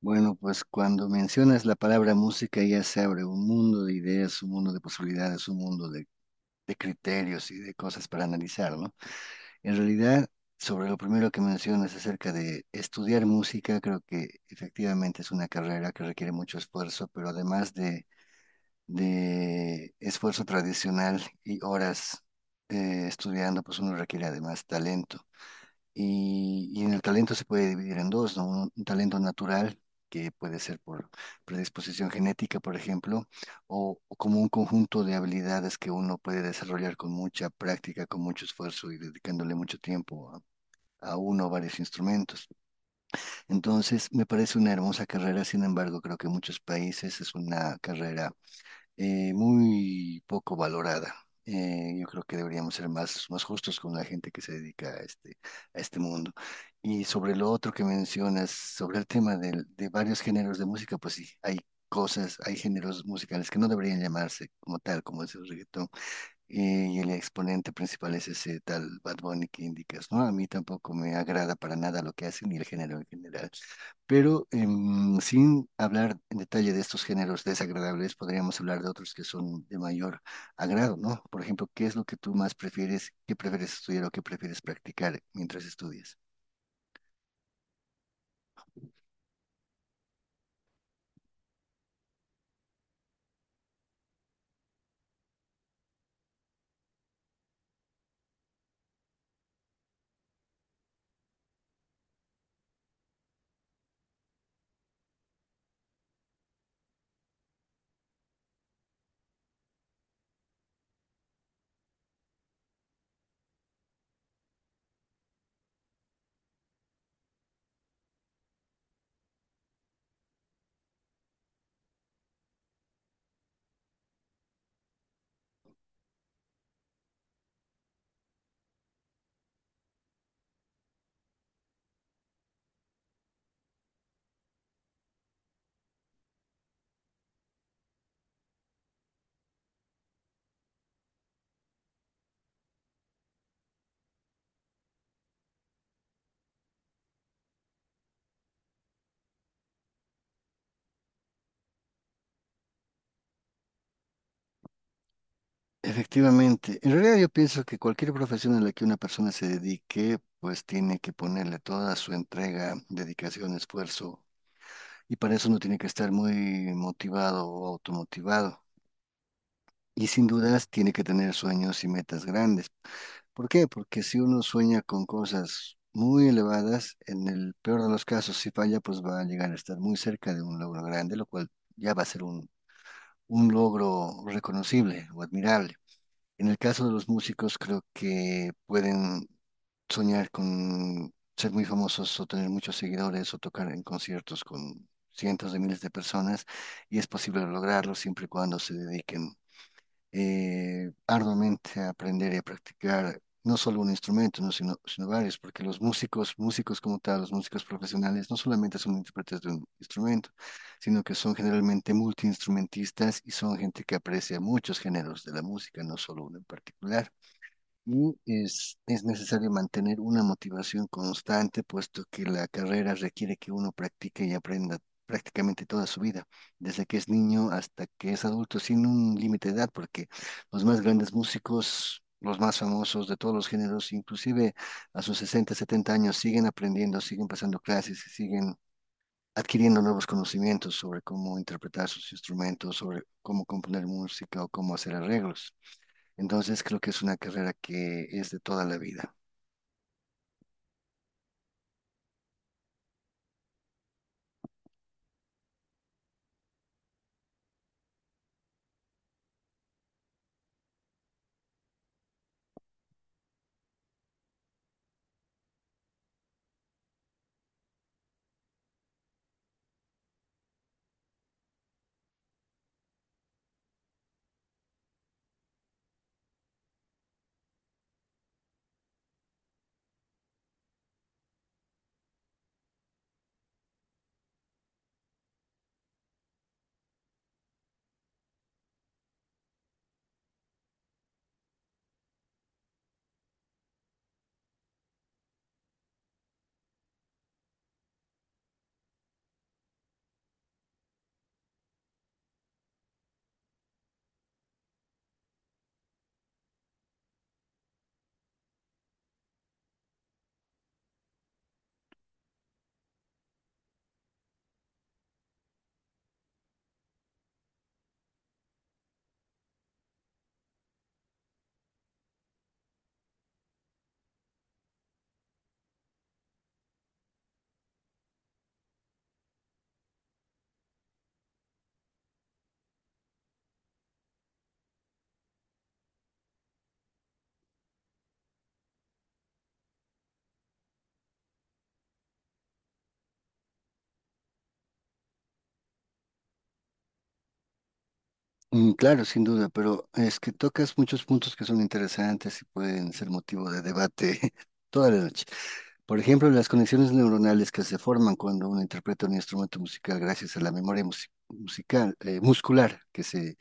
Bueno, pues cuando mencionas la palabra música ya se abre un mundo de ideas, un mundo de posibilidades, un mundo de criterios y de cosas para analizar, ¿no? En realidad, sobre lo primero que mencionas acerca de estudiar música, creo que efectivamente es una carrera que requiere mucho esfuerzo, pero además de esfuerzo tradicional y horas estudiando, pues uno requiere además talento. Y en el talento se puede dividir en dos, ¿no? Un talento natural, que puede ser por predisposición genética, por ejemplo, o como un conjunto de habilidades que uno puede desarrollar con mucha práctica, con mucho esfuerzo y dedicándole mucho tiempo a uno o varios instrumentos. Entonces, me parece una hermosa carrera, sin embargo, creo que en muchos países es una carrera muy poco valorada. Yo creo que deberíamos ser más justos con la gente que se dedica a a este mundo. Y sobre lo otro que mencionas, sobre el tema de varios géneros de música, pues sí, hay cosas, hay géneros musicales que no deberían llamarse como tal, como es el reggaetón y el exponente principal es ese tal Bad Bunny que indicas, ¿no? A mí tampoco me agrada para nada lo que hace ni el género en general. Pero sin hablar en detalle de estos géneros desagradables, podríamos hablar de otros que son de mayor agrado, ¿no? Por ejemplo, ¿qué es lo que tú más prefieres, qué prefieres estudiar o qué prefieres practicar mientras estudias? Efectivamente, en realidad yo pienso que cualquier profesión a la que una persona se dedique, pues tiene que ponerle toda su entrega, dedicación, esfuerzo. Y para eso uno tiene que estar muy motivado o automotivado. Y sin dudas tiene que tener sueños y metas grandes. ¿Por qué? Porque si uno sueña con cosas muy elevadas, en el peor de los casos, si falla, pues va a llegar a estar muy cerca de un logro grande, lo cual ya va a ser un logro reconocible o admirable. En el caso de los músicos, creo que pueden soñar con ser muy famosos o tener muchos seguidores o tocar en conciertos con cientos de miles de personas y es posible lograrlo siempre y cuando se dediquen arduamente a aprender y a practicar no solo un instrumento, ¿no? sino varios, porque los músicos, músicos como tal, los músicos profesionales, no solamente son intérpretes de un instrumento, sino que son generalmente multiinstrumentistas y son gente que aprecia muchos géneros de la música, no solo uno en particular. Y es necesario mantener una motivación constante, puesto que la carrera requiere que uno practique y aprenda prácticamente toda su vida, desde que es niño hasta que es adulto, sin un límite de edad, porque los más grandes músicos, los más famosos de todos los géneros, inclusive a sus 60 o 70 años, siguen aprendiendo, siguen pasando clases y siguen adquiriendo nuevos conocimientos sobre cómo interpretar sus instrumentos, sobre cómo componer música o cómo hacer arreglos. Entonces creo que es una carrera que es de toda la vida. Mm, claro, sin duda, pero es que tocas muchos puntos que son interesantes y pueden ser motivo de debate toda la noche. Por ejemplo, las conexiones neuronales que se forman cuando uno interpreta un instrumento musical gracias a la memoria musical, muscular que se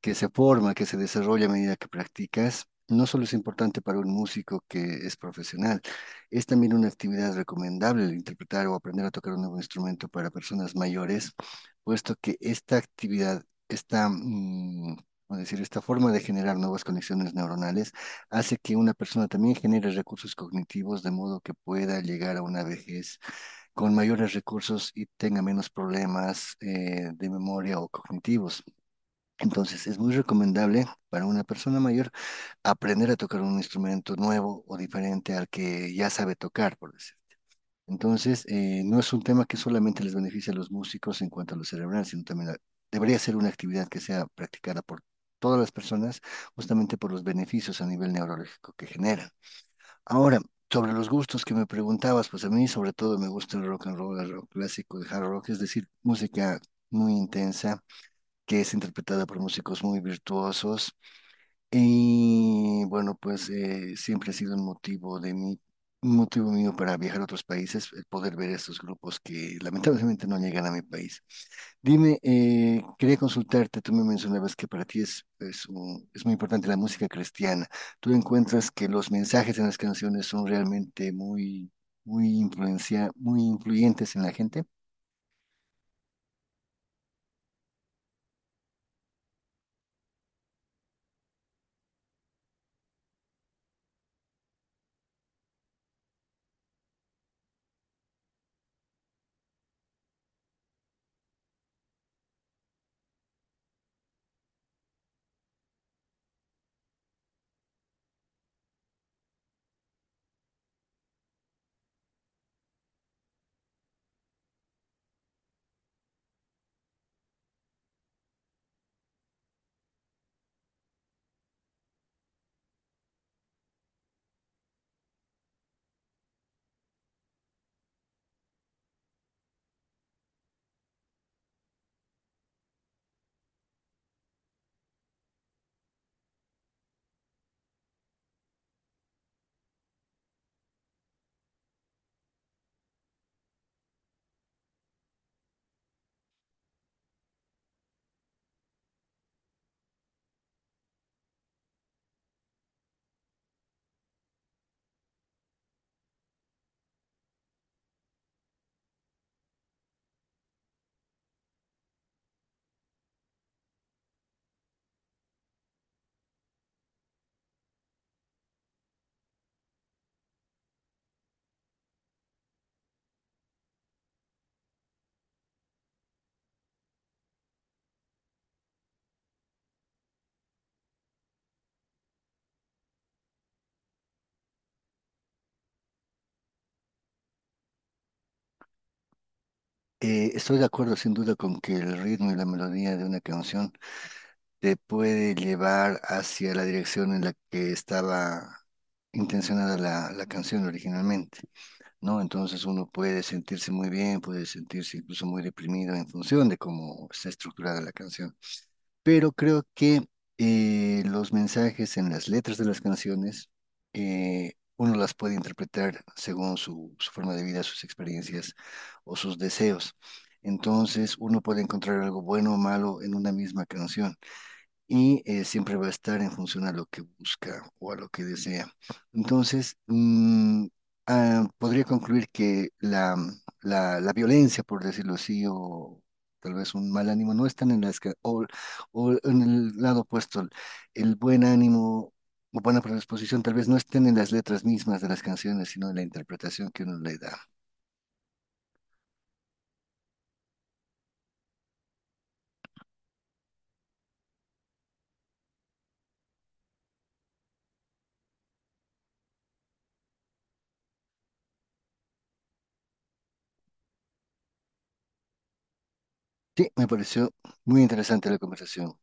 que se forma, que se desarrolla a medida que practicas, no solo es importante para un músico que es profesional, es también una actividad recomendable el interpretar o aprender a tocar un nuevo instrumento para personas mayores, puesto que esta actividad, esta, mm, ¿cómo decir? Esta forma de generar nuevas conexiones neuronales hace que una persona también genere recursos cognitivos de modo que pueda llegar a una vejez con mayores recursos y tenga menos problemas de memoria o cognitivos. Entonces, es muy recomendable para una persona mayor aprender a tocar un instrumento nuevo o diferente al que ya sabe tocar, por decir. Entonces, no es un tema que solamente les beneficie a los músicos en cuanto a lo cerebral, sino también debería ser una actividad que sea practicada por todas las personas, justamente por los beneficios a nivel neurológico que genera. Ahora, sobre los gustos que me preguntabas, pues a mí sobre todo me gusta el rock and roll, el rock clásico, el hard rock, es decir, música muy intensa que es interpretada por músicos muy virtuosos. Y bueno, pues siempre ha sido un un motivo mío para viajar a otros países, el poder ver estos grupos que lamentablemente no llegan a mi país. Dime, quería consultarte, tú me mencionabas que para ti es muy importante la música cristiana. ¿Tú encuentras que los mensajes en las canciones son realmente muy influyentes en la gente? Estoy de acuerdo sin duda con que el ritmo y la melodía de una canción te puede llevar hacia la dirección en la que estaba intencionada la canción originalmente, ¿no? Entonces uno puede sentirse muy bien, puede sentirse incluso muy deprimido en función de cómo está estructurada la canción. Pero creo que los mensajes en las letras de las canciones, uno las puede interpretar según su forma de vida, sus experiencias o sus deseos. Entonces uno puede encontrar algo bueno o malo en una misma canción y siempre va a estar en función a lo que busca o a lo que desea. Entonces, mm, podría concluir que la violencia, por decirlo así, o tal vez un mal ánimo, no están en o en el lado opuesto, el buen ánimo. O buena predisposición, tal vez no estén en las letras mismas de las canciones, sino en la interpretación que uno le da. Sí, me pareció muy interesante la conversación.